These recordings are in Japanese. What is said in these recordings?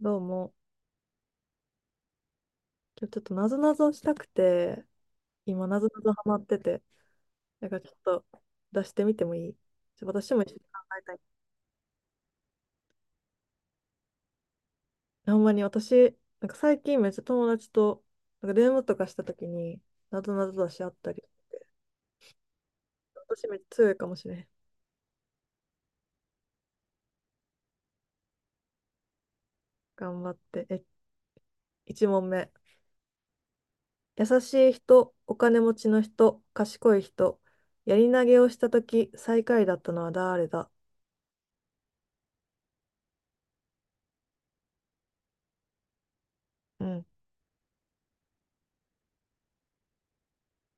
どうも。今日ちょっとなぞなぞしたくて、今なぞなぞハマってて、なんかちょっと出してみてもいい？私も一緒に考えたい。ほんまに私、なんか最近めっちゃ友達と、なんか電話とかした時に、なぞなぞ出しあったり、私めっちゃ強いかもしれん。頑張って。1問目。優しい人、お金持ちの人、賢い人、やり投げをした時、最下位だったのは誰だ？うん。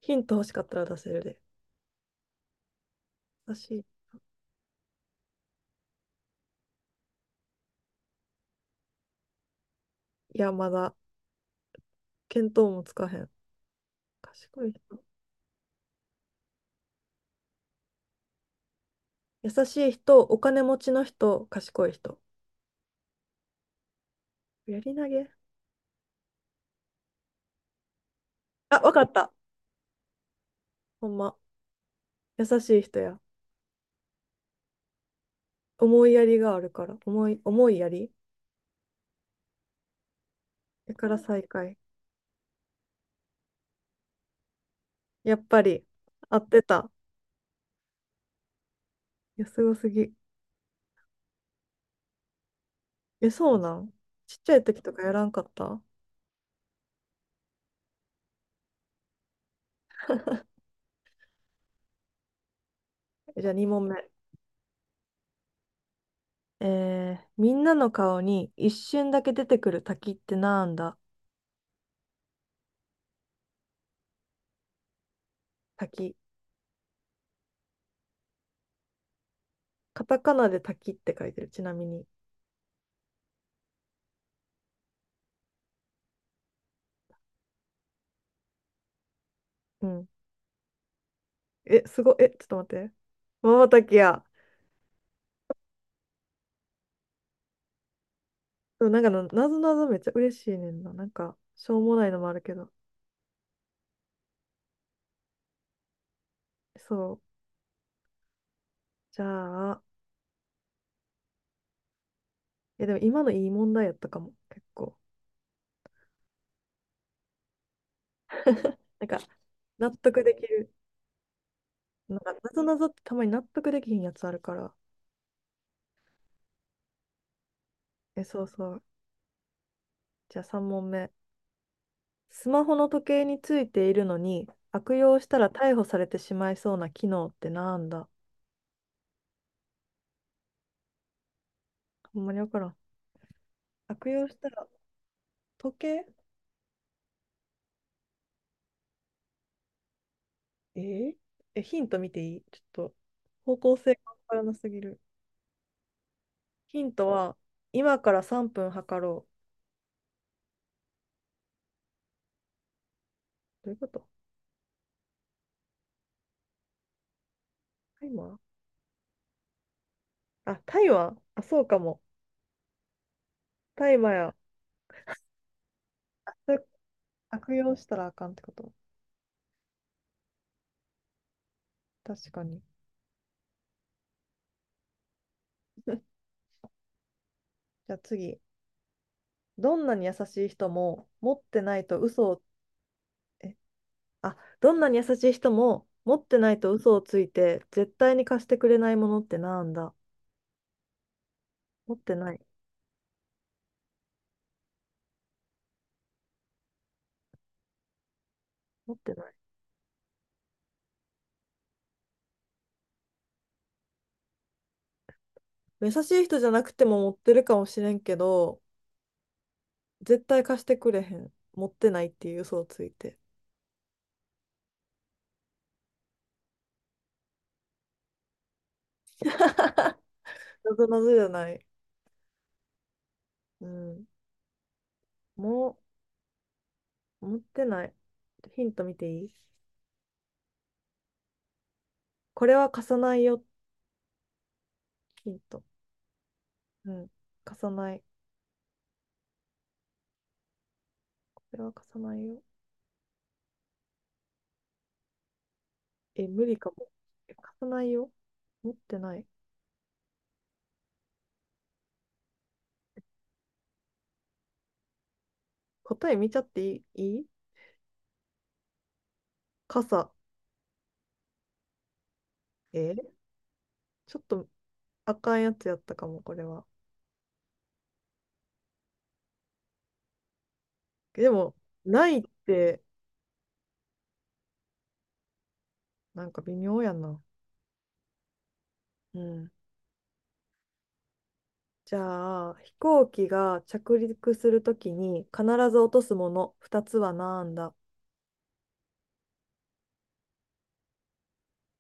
ヒント欲しかったら出せるで。優しい。いや、まだ、見当もつかへん。賢い人。優しい人、お金持ちの人、賢い人。やり投げ。あ、わかった。ほんま。優しい人や。思いやりがあるから。思いやりだから最下位。やっぱり、合ってた。いや、すごすぎ。え、そうなん？ちっちゃい時とかやらんかった？じゃあ2問目。みんなの顔に一瞬だけ出てくる滝ってなんだ？滝。カタカナで滝って書いてる、ちなみに。うん。え、え、ちょっと待って。まばたきや。そう、なんかの、なぞなぞめっちゃ嬉しいねんな。なんか、しょうもないのもあるけど。そう。じゃあ、いやでも今のいい問題やったかも、結構。なんか、納得できる。なんか、なぞなぞってたまに納得できひんやつあるから。え、そうそう。じゃあ3問目。スマホの時計についているのに、悪用したら逮捕されてしまいそうな機能ってなんだ？ほんまにわからん。悪用したら、時計。えーえ、ヒント見ていい？ちょっと、方向性がわからなすぎる。ヒントは、今から3分測ろう。どういうこと？タイマー？あ、タイマー、あ、そうかも。タイマーや。それ悪用したらあかんってこと？確かに。じゃあ次。どんなに優しい人も持ってないと嘘を、え、あ、どんなに優しい人も持ってないと嘘をついて絶対に貸してくれないものってなんだ？持ってない。持ってない。優しい人じゃなくても持ってるかもしれんけど、絶対貸してくれへん。持ってないっていう嘘をついて。謎謎じゃない？うん。もう、持ってない。ヒント見ていい？これは貸さないよ。ヒント。うん。貸さない。これは貸さないよ。え、無理かも。え、貸さないよ。持ってない。答え見ちゃっていい、いい？傘。えちょっとあかんやつやったかも、これは。でも、ないって、なんか微妙やな。うん。じゃあ、飛行機が着陸するときに必ず落とすもの、二つはなんだ？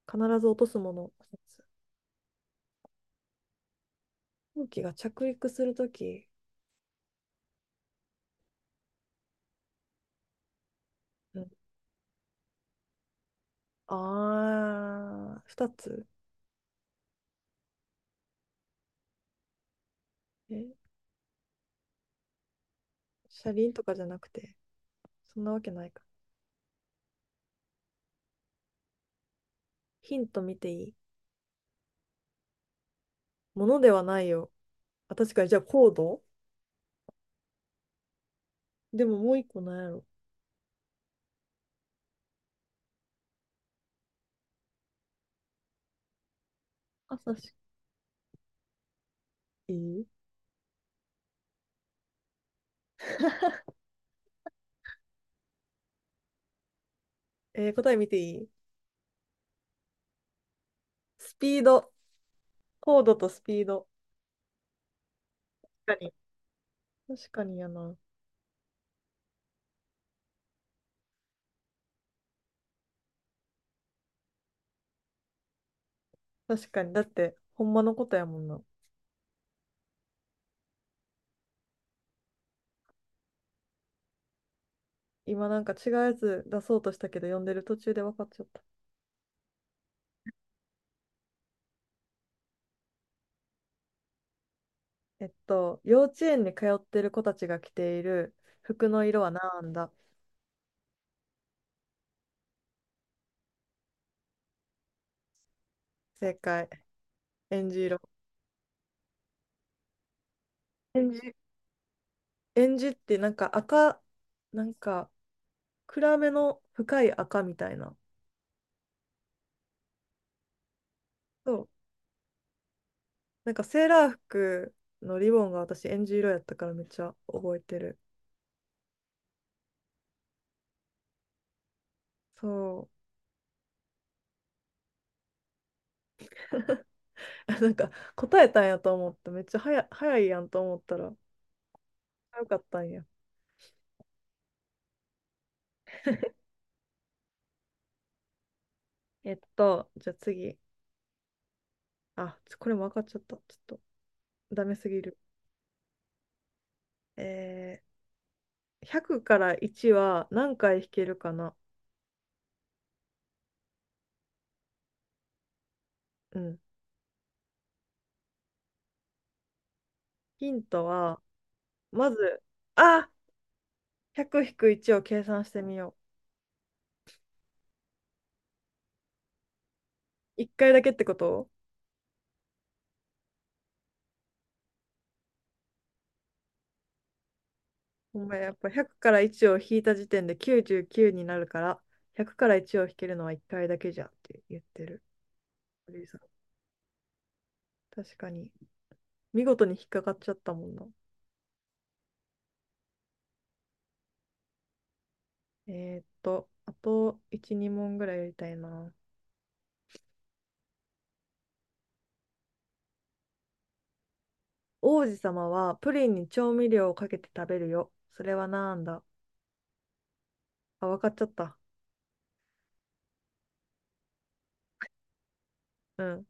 必ず落とすもの。飛行機が着陸するとき、うん。ああ、二つ？え、車輪とかじゃなくて、そんなわけないか。ヒント見ていい？ものではないよ。あ、確かに、じゃあコード？でももう一個なんやろ。朝し、いい。 答え見ていい？スピード。コードとスピード。確かに。確かにやな。確かに。だって、ほんまのことやもんな。今なんか違うやつ出そうとしたけど、読んでる途中で分かっちゃった。幼稚園に通ってる子たちが着ている服の色は何だ？正解。えんじ色。えんじえんじってなんか赤、なんか暗めの深い赤みたいな。そう。なんかセーラー服のリボンが私えんじ色やったからめっちゃ覚えてる。そう。なんか答えたんやと思って、めっちゃ早いやんと思ったら、よかったんや。じゃあ次。あ、これも分かっちゃった。ちょっと、ダメすぎる。えー100から1は何回引けるかな。うん。ヒントは、まず、あ !100 引く1を計算してみよう。1回だけってこと？お前やっぱ100から1を引いた時点で99になるから、100から1を引けるのは1回だけじゃんって言ってる。リーさん、確かに。見事に引っかかっちゃったもんな。えあと1、2問ぐらいやりたいな。王子様はプリンに調味料をかけて食べるよ。それはなんだ？あ、わかっちゃった。うん。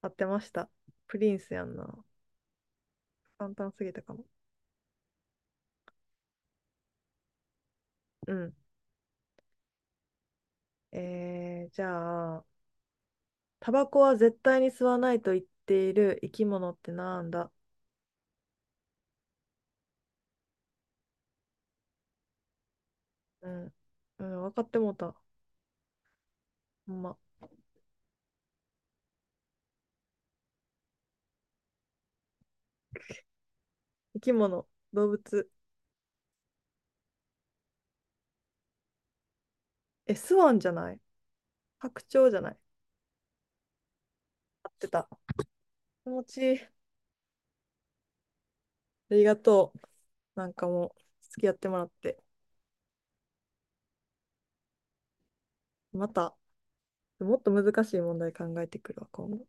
合ってました。プリンスやんな。簡単すぎたかも。うん。じゃあ、タバコは絶対に吸わないと言っている生き物ってなんだ？うん。うん、分かってもうた。ほんま。生き物、動物。え、スワンじゃない？白鳥じゃない？合ってた。気持ちいい。ありがとう。なんかもう、付き合ってもらって。また、もっと難しい問題考えてくるわ、今後。